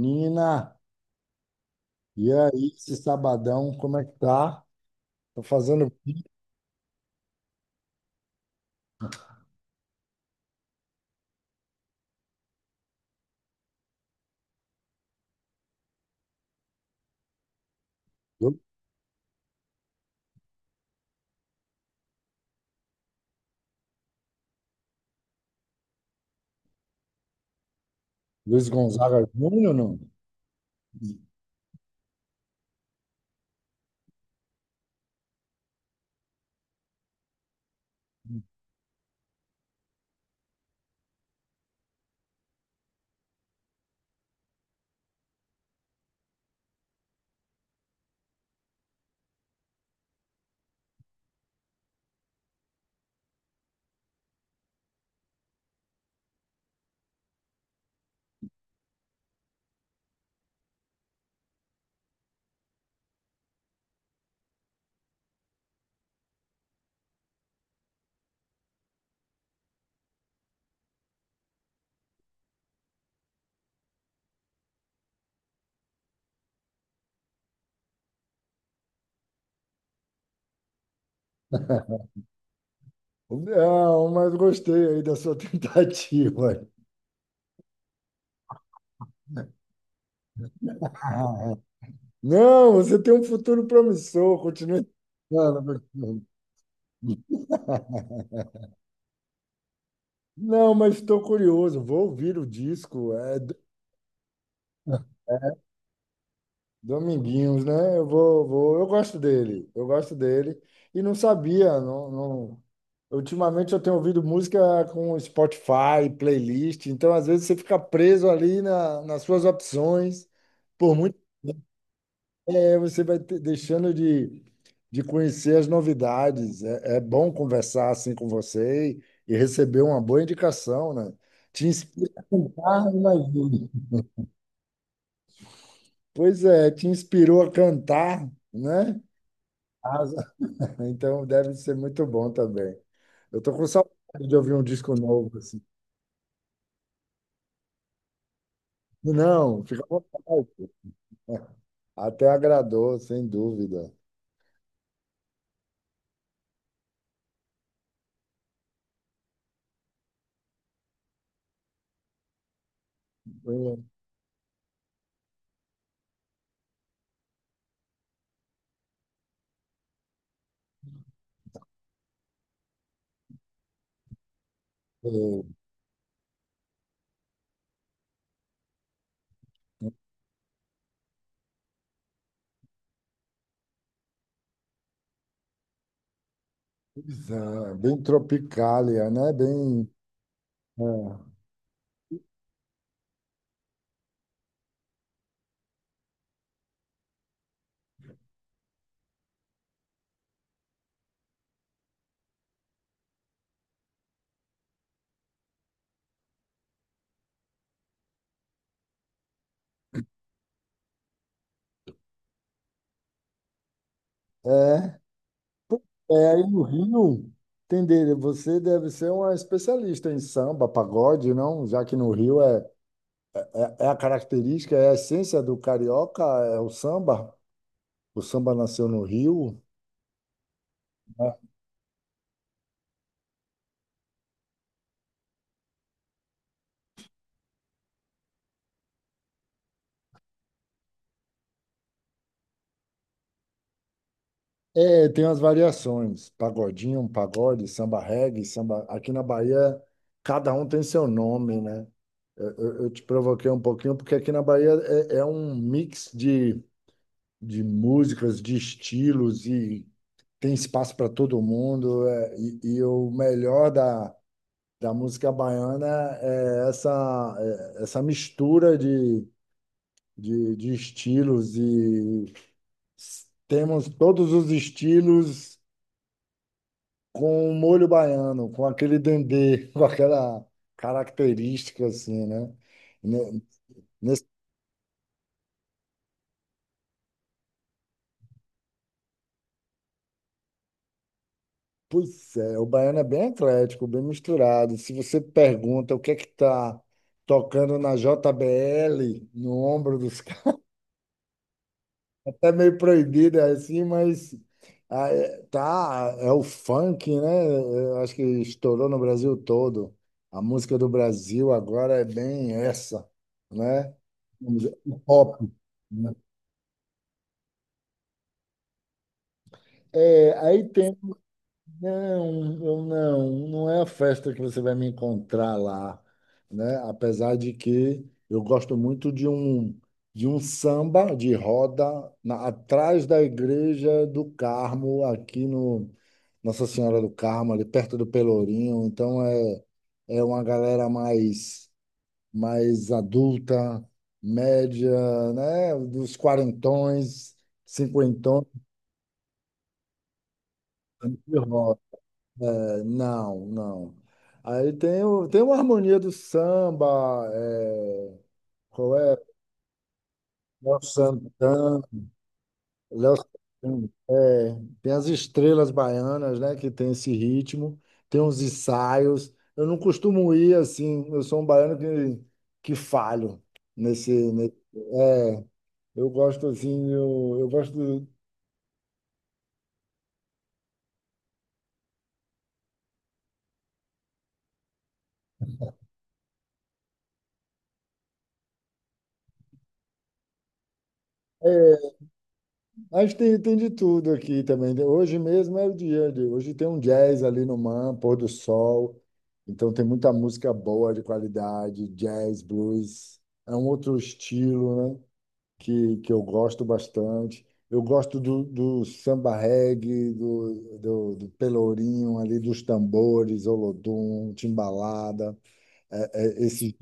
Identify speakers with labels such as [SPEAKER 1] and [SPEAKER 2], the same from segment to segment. [SPEAKER 1] Nina, e aí, esse sabadão, como é que tá? Tô fazendo pico. Luiz Gonzaga Júnior, não? Não, mas gostei aí da sua tentativa. Não, você tem um futuro promissor, continue. Tentando. Não, mas estou curioso, vou ouvir o disco. Dominguinhos, né? Eu vou, eu gosto dele, eu gosto dele. E não sabia, não. Ultimamente eu tenho ouvido música com Spotify, playlist, então às vezes você fica preso ali nas suas opções. Por muito você vai deixando de conhecer as novidades. É, é bom conversar assim com você e receber uma boa indicação, né? Te inspira a cantar, imagina. Pois é, te inspirou a cantar, né? Então deve ser muito bom também. Eu tô com saudade de ouvir um disco novo, assim. Não, fica à vontade. Até agradou, sem dúvida. Bem, é, pois é, bem tropicália, né? Bem, é, é, é, aí no Rio, entender, você deve ser uma especialista em samba, pagode, não? Já que no Rio é a característica, é a essência do carioca, é o samba. O samba nasceu no Rio, né? É, tem umas variações, pagodinho, um pagode, samba reggae, samba... Aqui na Bahia, cada um tem seu nome, né? Eu te provoquei um pouquinho, porque aqui na Bahia é um mix de músicas, de estilos, e tem espaço para todo mundo. E, e o melhor da música baiana é essa, é essa mistura de estilos, e temos todos os estilos com o molho baiano, com aquele dendê, com aquela característica assim, né? Ne- Nesse, Pois é, o baiano é bem eclético, bem misturado. Se você pergunta o que é que tá tocando na JBL, no ombro dos caras, até meio proibido é assim, mas tá, é o funk, né? Eu acho que estourou no Brasil todo. A música do Brasil agora é bem essa, né? O pop. É, aí tem, não, eu não, não é a festa que você vai me encontrar lá, né? Apesar de que eu gosto muito de um samba de roda atrás da igreja do Carmo, aqui no Nossa Senhora do Carmo, ali perto do Pelourinho. Então é uma galera mais mais adulta, média, né? Dos quarentões, cinquentões de roda. Não, não. Aí tem, o, tem uma harmonia do samba, é, qual é? Léo Santana, Léo Santana, é, tem as estrelas baianas, né, que tem esse ritmo, tem uns ensaios. Eu não costumo ir assim, eu sou um baiano que falho nesse, nesse- é, eu gosto assim, eu gosto. A gente tem, tem de tudo aqui também, né? Hoje mesmo é o dia de. Hoje tem um jazz ali no Man, pôr do sol. Então tem muita música boa, de qualidade, jazz, blues. É um outro estilo, né? Que eu gosto bastante. Eu gosto do samba reggae, do pelourinho ali, dos tambores, olodum, timbalada. É, é, esse,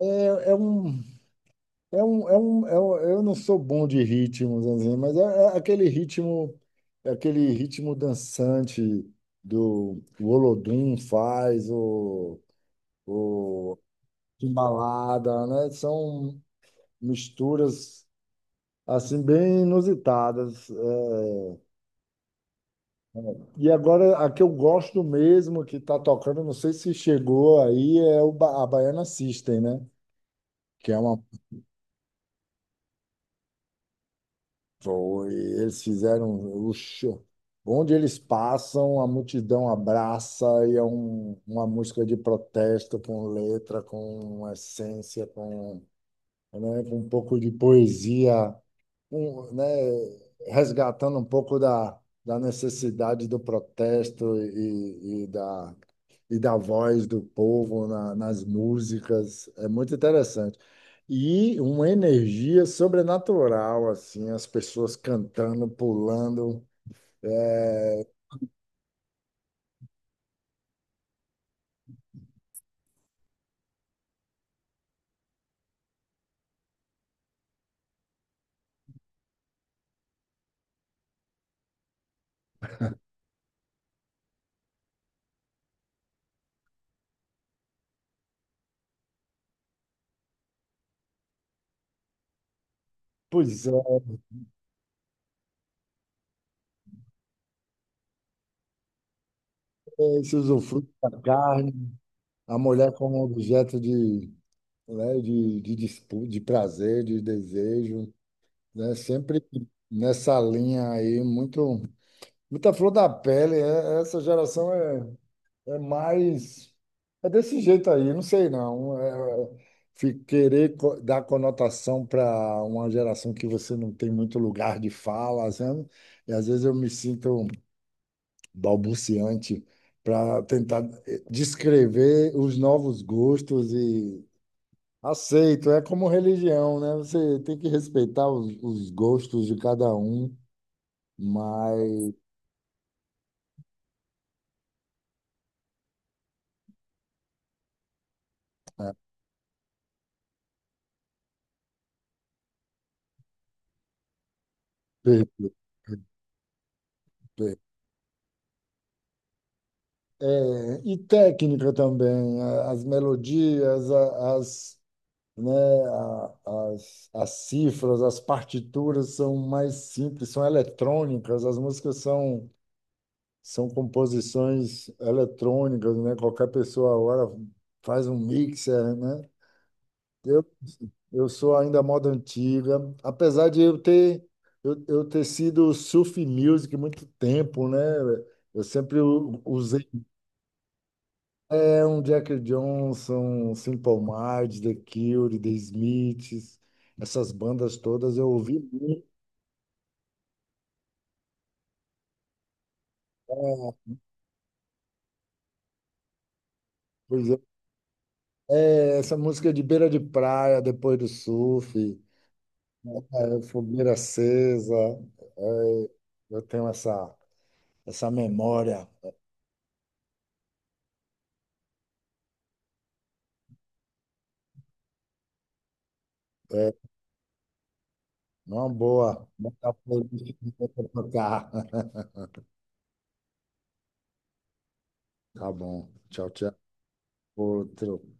[SPEAKER 1] é, é um eu não sou bom de ritmos, assim, mas é aquele ritmo dançante do o Olodum faz, o balada, né? São misturas assim bem inusitadas. É, e agora a que eu gosto mesmo que está tocando, não sei se chegou aí, é o ba a Baiana System, né? Que é uma. Foi, eles fizeram o show. Onde eles passam, a multidão abraça e é um, uma música de protesto com letra, com essência, com, né, com um pouco de poesia, um, né, resgatando um pouco da, da necessidade do protesto e da voz do povo nas músicas. É muito interessante. E uma energia sobrenatural, assim, as pessoas cantando, pulando. É, pois é, esse usufruto da carne, a mulher como objeto de, né, de prazer, de desejo, né? Sempre nessa linha aí, muito, muita flor da pele. Essa geração é. É mais. É desse jeito aí, não sei não. É, dar conotação para uma geração que você não tem muito lugar de fala, sabe? E às vezes eu me sinto balbuciante para tentar descrever os novos gostos e aceito. É como religião, né? Você tem que respeitar os gostos de cada um, mas. Per- per- É, e técnica também, as melodias, né, a- as, as cifras, as partituras são mais simples, são eletrônicas, as músicas são, são composições eletrônicas, né? Qualquer pessoa agora faz um mixer, né? Eu, eu sou ainda moda antiga, apesar de eu ter, eu ter sido surf music muito tempo, né? Eu sempre usei. É um Jack Johnson, Simple Minds, The Cure, The Smiths, essas bandas todas eu ouvi muito. É, pois é. É, essa música de beira de praia, depois do surf, né? Fogueira acesa, é, eu tenho essa, essa memória. É, uma boa, botar pra tocar. Tá bom, tchau, tchau. Outro.